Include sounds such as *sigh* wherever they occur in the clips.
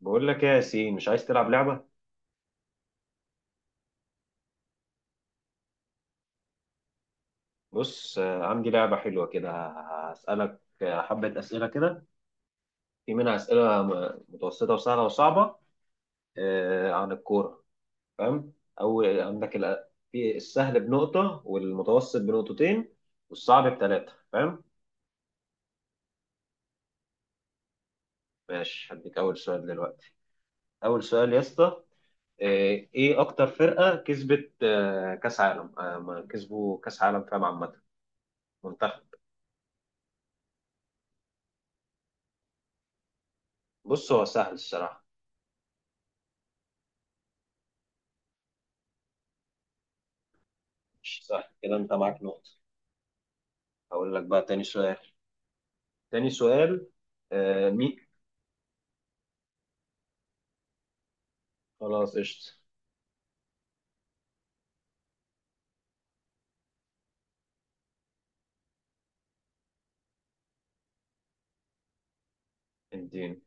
بقول لك ايه يا ياسين؟ مش عايز تلعب لعبة؟ بص، عندي لعبة حلوة كده. هسألك حبة أسئلة كده. في منها أسئلة متوسطة وسهلة وصعبة، عن الكورة. فاهم؟ أو عندك الأ- في السهل بنقطة، والمتوسط بنقطتين، والصعب بثلاثة. فاهم؟ ماشي، هديك أول سؤال دلوقتي. أول سؤال يا اسطى. إيه أكتر فرقة كسبت كأس عالم؟ ما كسبوا كأس عالم فاهم، عامة منتخب. بص، هو سهل الصراحة. مش سهل كده، أنت معاك نقطة. هقول لك بقى تاني سؤال. تاني سؤال. آه، مين؟ خلاص قشطة. اديني.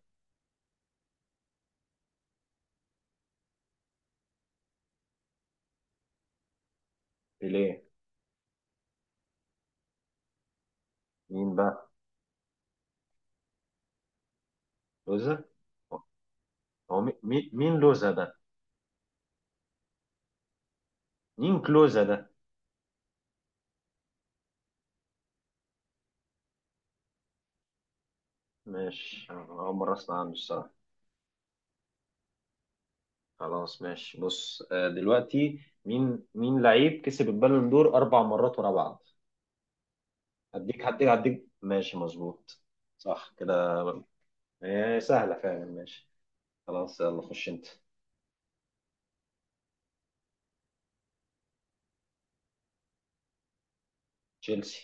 ليه؟ مين بقى؟ لوزة. هو مين لوزة ده؟ مين كلوزة ده؟ ماشي، أنا أول مرة أسمع عنه الصراحة. خلاص ماشي. بص دلوقتي، مين لعيب كسب البالون دور أربع مرات ورا بعض؟ هديك. ماشي، مظبوط. صح كده. هي سهلة فعلا، ماشي. خلاص يلا، خش أنت. تشيلسي.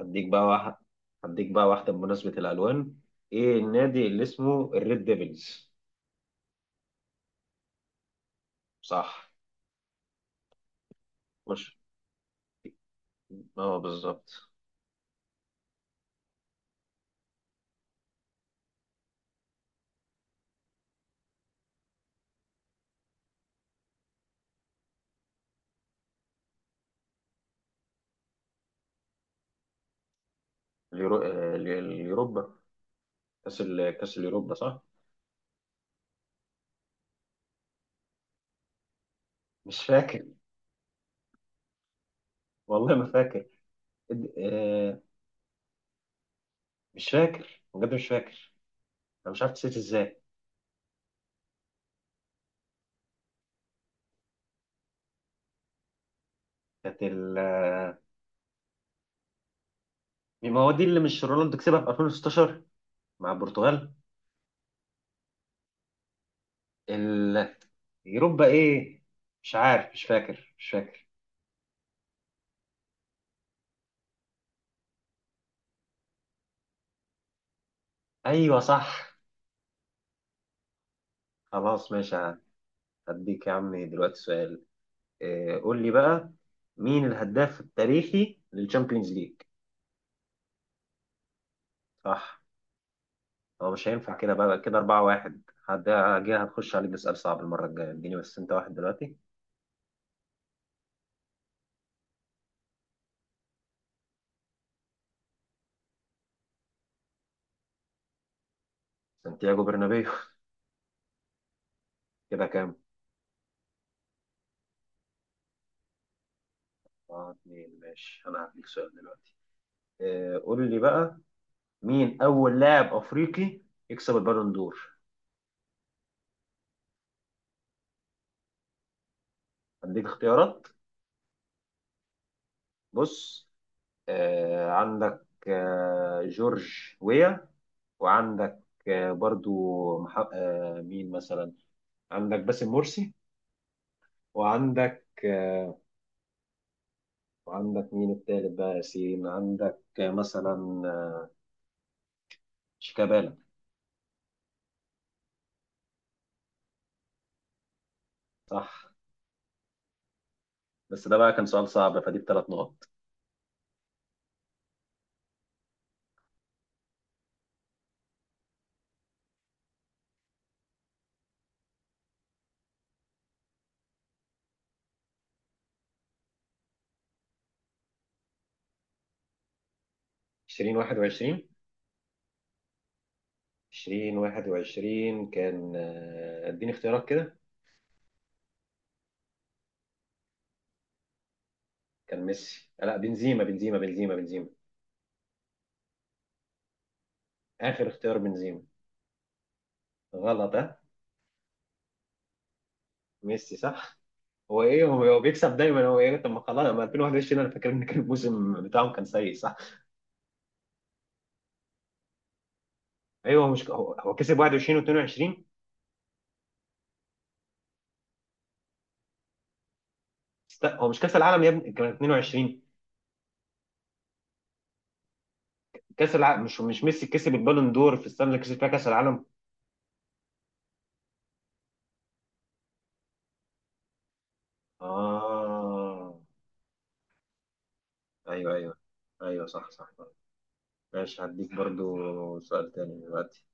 هديك بقى واحد. هديك بقى واحدة بمناسبة الألوان. إيه النادي اللي اسمه الريد ديفلز؟ صح. مش اه، بالظبط. اليوروبا. كأس اليوروبا، صح؟ مش فاكر. والله ما فاكر. إد- آه، مش فاكر بجد، مش فاكر. أنا مش عارف نسيت إزاي. كانت ال آه، ما هو دي اللي مش رونالدو كسبها في 2016 مع البرتغال. ال... يوروبا إيه؟ مش عارف، مش فاكر مش فاكر. أيوه صح. خلاص ماشي. هديك يا عم دلوقتي سؤال. قول لي بقى، مين الهداف التاريخي للشامبيونز ليج؟ صح. هو مش هينفع كده بقى. كده 4-1. هد- هجي هتخش عليك بسؤال صعب المرة الجاية. اديني بس انت واحد دلوقتي. سانتياغو برنابيو. *laughs* كده كام؟ اه، اتنين، ماشي. انا هديك سؤال دلوقتي. قول لي بقى، مين اول لاعب افريقي يكسب البالون دور؟ هديك اختيارات. بص، عندك جورج ويا، وعندك آه، برضو مح... آه، مين مثلا، عندك باسم مرسي، وعندك وعندك مين التالت بقى يا ياسين؟ عندك مثلا شيكابالا. صح. بس ده بقى كان سؤال صعب، فدي بثلاث نقط. 2021. 2021 كان اديني اختيارات كده. كان ميسي لا، بنزيما بنزيما بنزيما بنزيما. آخر اختيار بنزيما. غلط ها. ميسي صح. هو ايه؟ هو بيكسب دايما. هو ايه؟ طب ما خلاص، ما 2021 انا فاكر ان كان الموسم بتاعهم كان سيء، صح. ايوه، هو مش هو كسب 21 و22. هو مش كاس العالم يا ابني كان 22؟ كاس العالم، مش ميسي كسب البالون دور في السنه اللي كسب فيها كاس العالم. اه. ايوه ايوه ايوه صح صح. ماشي، هديك برضو سؤال تاني دلوقتي.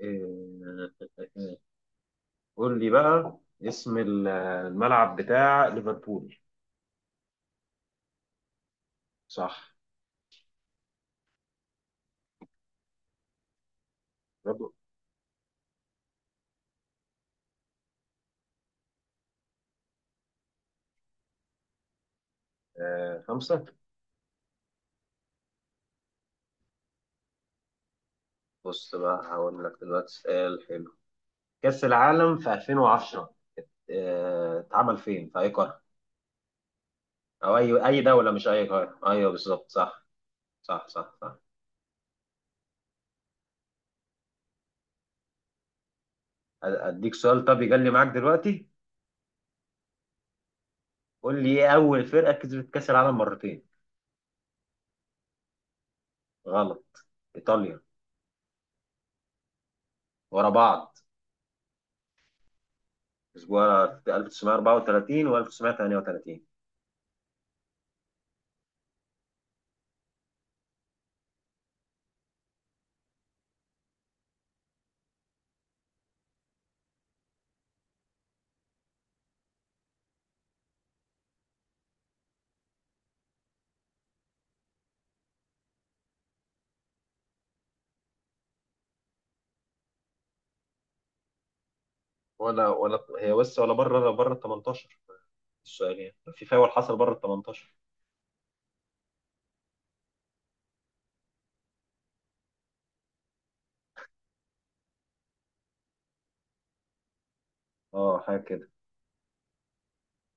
إيه- *laughs* قول لي بقى اسم ال- الملعب بتاع ليفربول. صح. برضو. خمسة. بص بقى، هقول لك دلوقتي سؤال حلو. كأس العالم في 2010 اتعمل فين؟ في اي قارة؟ او اي دولة، مش اي قارة. ايوه بالظبط، صح. صح صح صح. اديك سؤال طب يجلي معاك دلوقتي. قول لي، ايه اول فرقة كسبت كأس العالم مرتين؟ غلط. ايطاليا. ورا بعض. اسبوع، في 1934 و 1938. ولا هي بس، ولا بره ال 18. السؤال يعني في فاول حصل بره ال 18. اه، حاجة كده.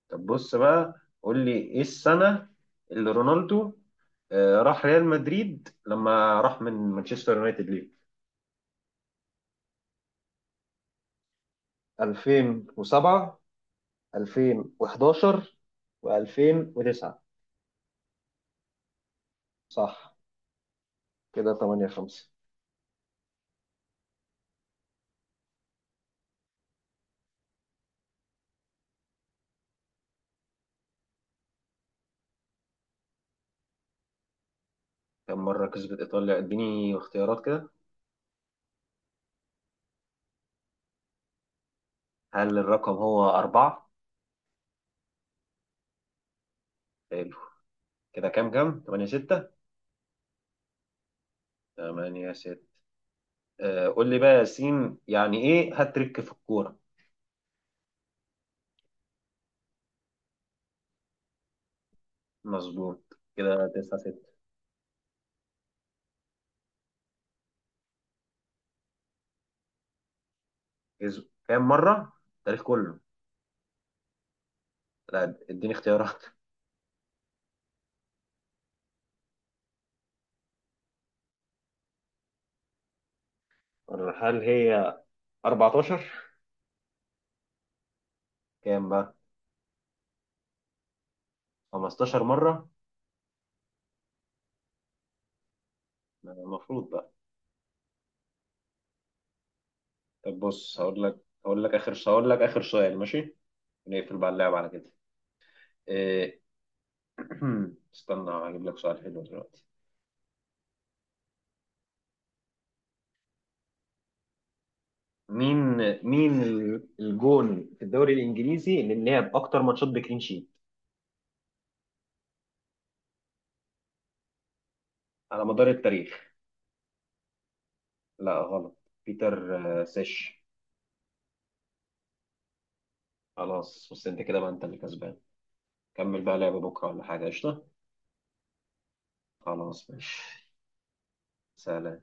طب بص بقى، قول لي ايه السنة اللي رونالدو راح ريال مدريد لما راح من مانشستر يونايتد؟ ليه، 2007، 2011، و2009. صح. كده 8-5. كم مرة كسبت إيطاليا؟ اديني اختيارات كده. هل الرقم هو أربعة؟ حلو. كده كام؟ تمانية ستة. 8-6. قول لي بقى يا ياسين، يعني إيه هاتريك في الكورة؟ مظبوط. كده 9-6. كسب كام مرة؟ التاريخ كله. لا، اديني اختيارات. هل هي 14؟ كام بقى؟ 15 مرة. المفروض بقى. طب بص هقول لك. هقول لك اخر سؤال، ماشي. نقفل بقى اللعب على كده. إيه... *clears throat* استنى هجيب لك سؤال حلو دلوقتي. مين الجون في الدوري الانجليزي اللي لعب اكتر ماتشات بكلين شيت؟ على مدار التاريخ. لا غلط. بيتر. سيش. خلاص، بس انت كده بقى انت اللي كسبان. كمل بقى لعب بكره ولا حاجه، قشطه. خلاص ماشي. سلام.